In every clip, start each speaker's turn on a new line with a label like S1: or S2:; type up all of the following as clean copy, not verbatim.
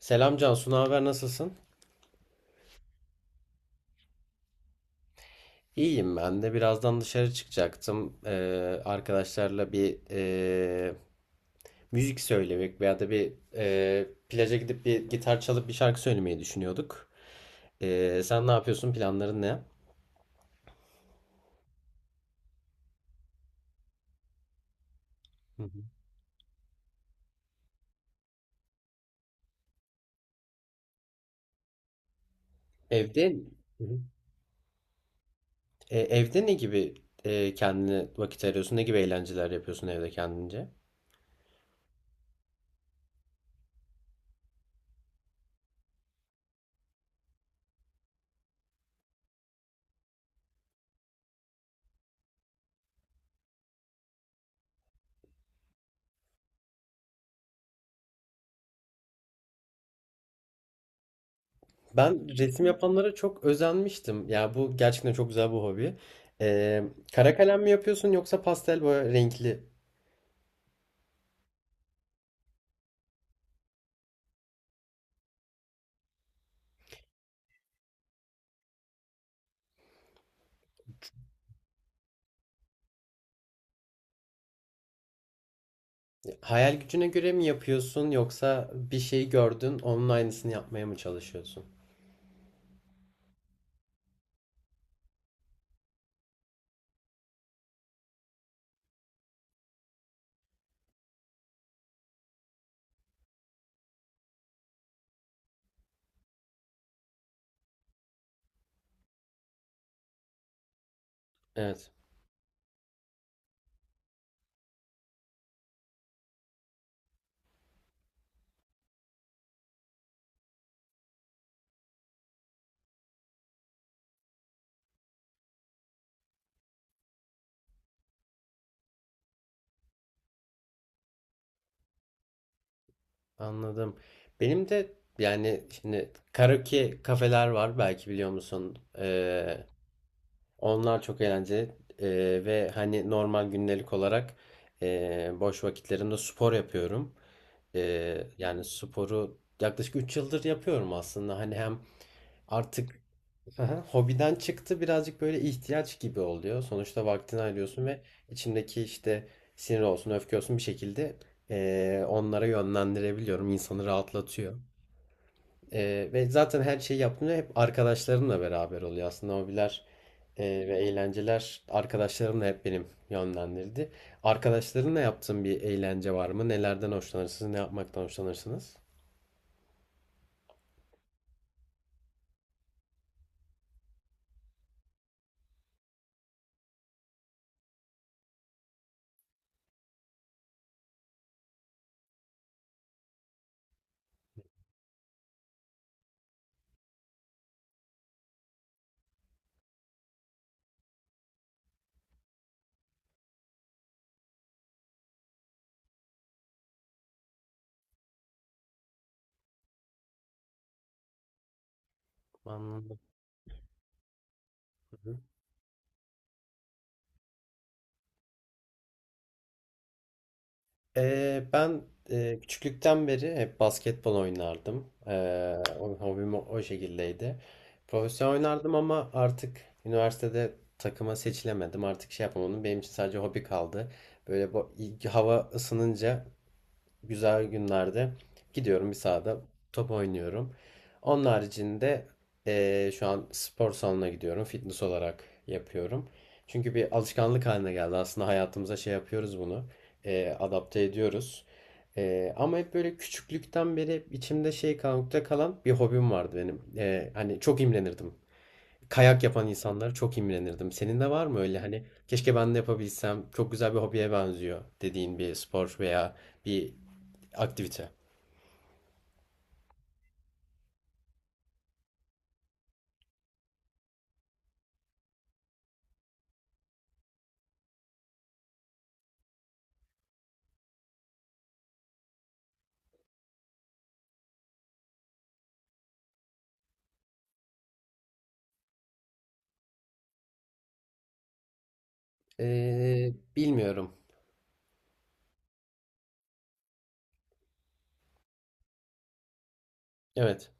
S1: Selam Cansu, ne haber, nasılsın? İyiyim ben de. Birazdan dışarı çıkacaktım. Arkadaşlarla bir müzik söylemek veya da bir plaja gidip bir gitar çalıp bir şarkı söylemeyi düşünüyorduk. Sen ne yapıyorsun? Planların ne? Hı hı. Evde. Hı hı. Evde ne gibi kendine vakit ayırıyorsun? Ne gibi eğlenceler yapıyorsun evde kendince? Ben resim yapanlara çok özenmiştim. Ya bu gerçekten çok güzel bir hobi. Ee, Kara kalem mi yapıyorsun yoksa pastel boya renkli? Hayal gücüne göre mi yapıyorsun yoksa bir şey gördün onun aynısını yapmaya mı çalışıyorsun? Evet, anladım. Benim de, yani şimdi karaoke kafeler var, belki biliyor musun? Onlar çok eğlenceli. Ve hani normal gündelik olarak boş vakitlerimde spor yapıyorum. Yani sporu yaklaşık 3 yıldır yapıyorum aslında. Hani hem artık, aha, hobiden çıktı birazcık, böyle ihtiyaç gibi oluyor. Sonuçta vaktini ayırıyorsun ve içimdeki işte sinir olsun, öfke olsun bir şekilde, onlara yönlendirebiliyorum. İnsanı rahatlatıyor. Ve zaten her şeyi yaptığımda hep arkadaşlarımla beraber oluyor. Aslında hobiler ve eğlenceler arkadaşlarımla hep benim yönlendirdi. Arkadaşlarınla yaptığın bir eğlence var mı? Nelerden hoşlanırsınız? Ne yapmaktan hoşlanırsınız? Anladım. Ben küçüklükten beri hep basketbol oynardım. Hobim o şekildeydi. Profesyonel oynardım ama artık üniversitede takıma seçilemedim. Artık şey yapamadım. Benim için sadece hobi kaldı. Böyle bu, hava ısınınca güzel günlerde gidiyorum, bir sahada top oynuyorum. Onun haricinde şu an spor salonuna gidiyorum. Fitness olarak yapıyorum. Çünkü bir alışkanlık haline geldi. Aslında hayatımıza şey yapıyoruz bunu, adapte ediyoruz. Ama hep böyle küçüklükten beri içimde şey kalmakta kalan bir hobim vardı benim. Hani çok imrenirdim. Kayak yapan insanlara çok imrenirdim. Senin de var mı öyle, hani keşke ben de yapabilsem çok güzel bir hobiye benziyor dediğin bir spor veya bir aktivite. Bilmiyorum. Evet.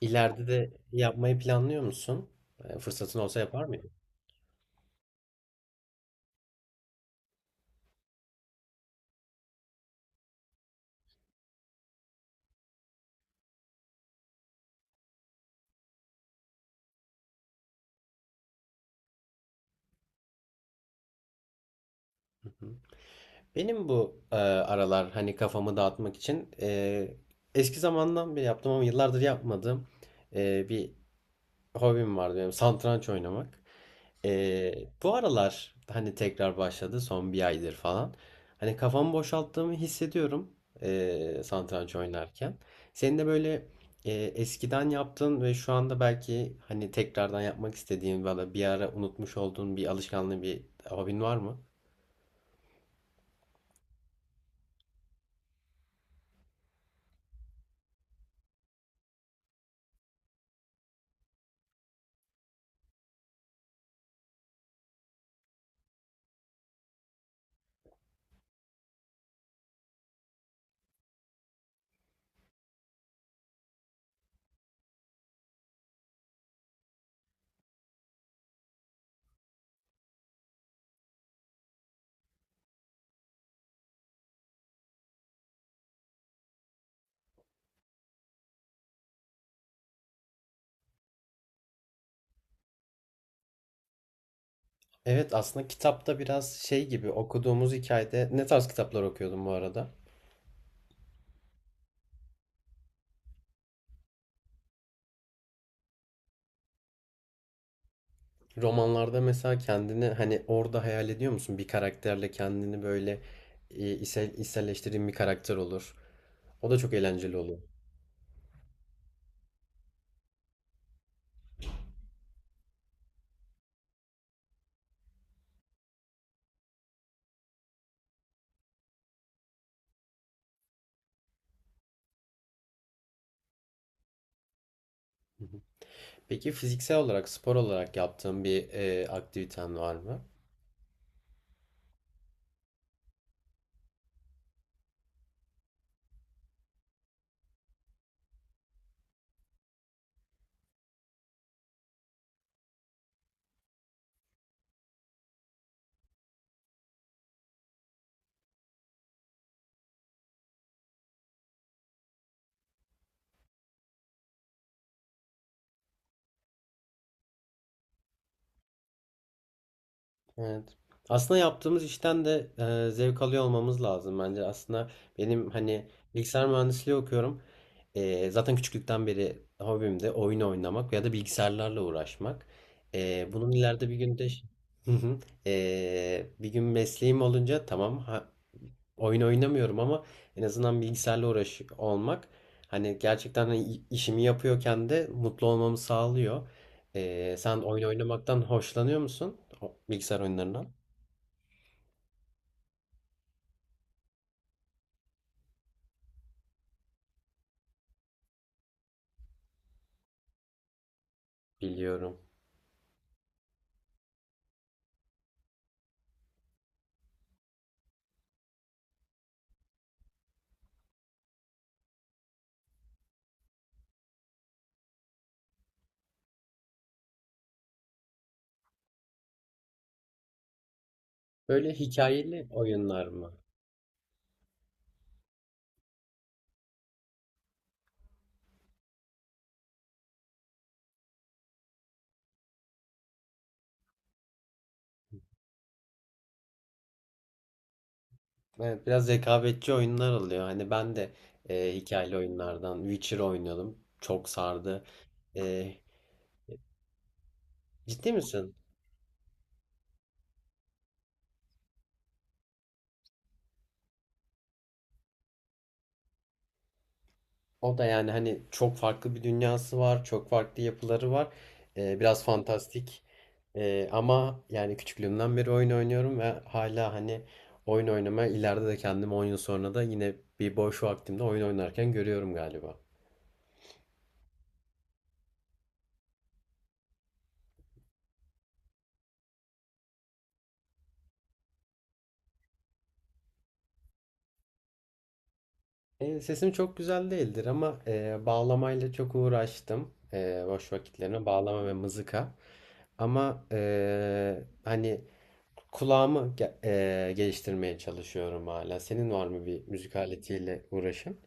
S1: İleride de yapmayı planlıyor musun? Fırsatın olsa yapar mıydın? Hı hı. Benim bu aralar hani kafamı dağıtmak için, eski zamandan beri yaptım ama yıllardır yapmadığım bir hobim vardı benim, satranç oynamak. Ee, Bu aralar hani tekrar başladı, son bir aydır falan. Hani kafamı boşalttığımı hissediyorum satranç oynarken. Senin de böyle eskiden yaptığın ve şu anda belki hani tekrardan yapmak istediğin, valla bir ara unutmuş olduğun bir alışkanlığı, bir hobin var mı? Evet, aslında kitapta biraz şey gibi, okuduğumuz hikayede ne tarz kitaplar okuyordun bu arada? Romanlarda mesela kendini hani orada hayal ediyor musun? Bir karakterle kendini böyle içselleştirdiğin bir karakter olur. O da çok eğlenceli olur. Hı hı. Peki fiziksel olarak, spor olarak yaptığın bir aktiviten var mı? Evet. Aslında yaptığımız işten de zevk alıyor olmamız lazım bence. Aslında benim hani, bilgisayar mühendisliği okuyorum. Zaten küçüklükten beri hobim de oyun oynamak ya da bilgisayarlarla uğraşmak. Bunun ileride bir günde hı hı. Bir gün mesleğim olunca, tamam ha, oyun oynamıyorum ama en azından bilgisayarla uğraş olmak, hani gerçekten hani işimi yapıyorken de mutlu olmamı sağlıyor. Sen oyun oynamaktan hoşlanıyor musun? Bilgisayar oyunlarından. Biliyorum. Böyle hikayeli oyunlar mı? Evet, biraz rekabetçi oyunlar oluyor. Hani ben de hikayeli oyunlardan Witcher oynuyordum. Çok sardı. E, Ciddi misin? O da yani hani çok farklı bir dünyası var, çok farklı yapıları var. Biraz fantastik. Ama yani küçüklüğümden beri oyun oynuyorum ve hala hani oyun oynamaya, ileride de kendimi 10 yıl sonra da yine bir boş vaktimde oyun oynarken görüyorum galiba. Sesim çok güzel değildir ama bağlamayla çok uğraştım. Boş vakitlerime bağlama ve mızıka. Ama hani kulağımı geliştirmeye çalışıyorum hala. Senin var mı bir müzik aletiyle uğraşın?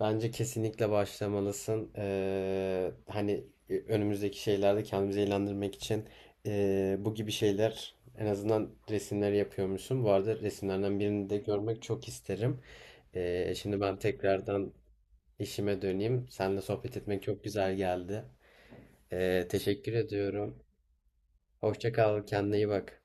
S1: Bence kesinlikle başlamalısın. Hani önümüzdeki şeylerde kendimizi eğlendirmek için, bu gibi şeyler, en azından resimleri yapıyormuşsun. Bu arada resimlerden birini de görmek çok isterim. Şimdi ben tekrardan işime döneyim. Seninle sohbet etmek çok güzel geldi. Teşekkür ediyorum. Hoşça kal, kendine iyi bak.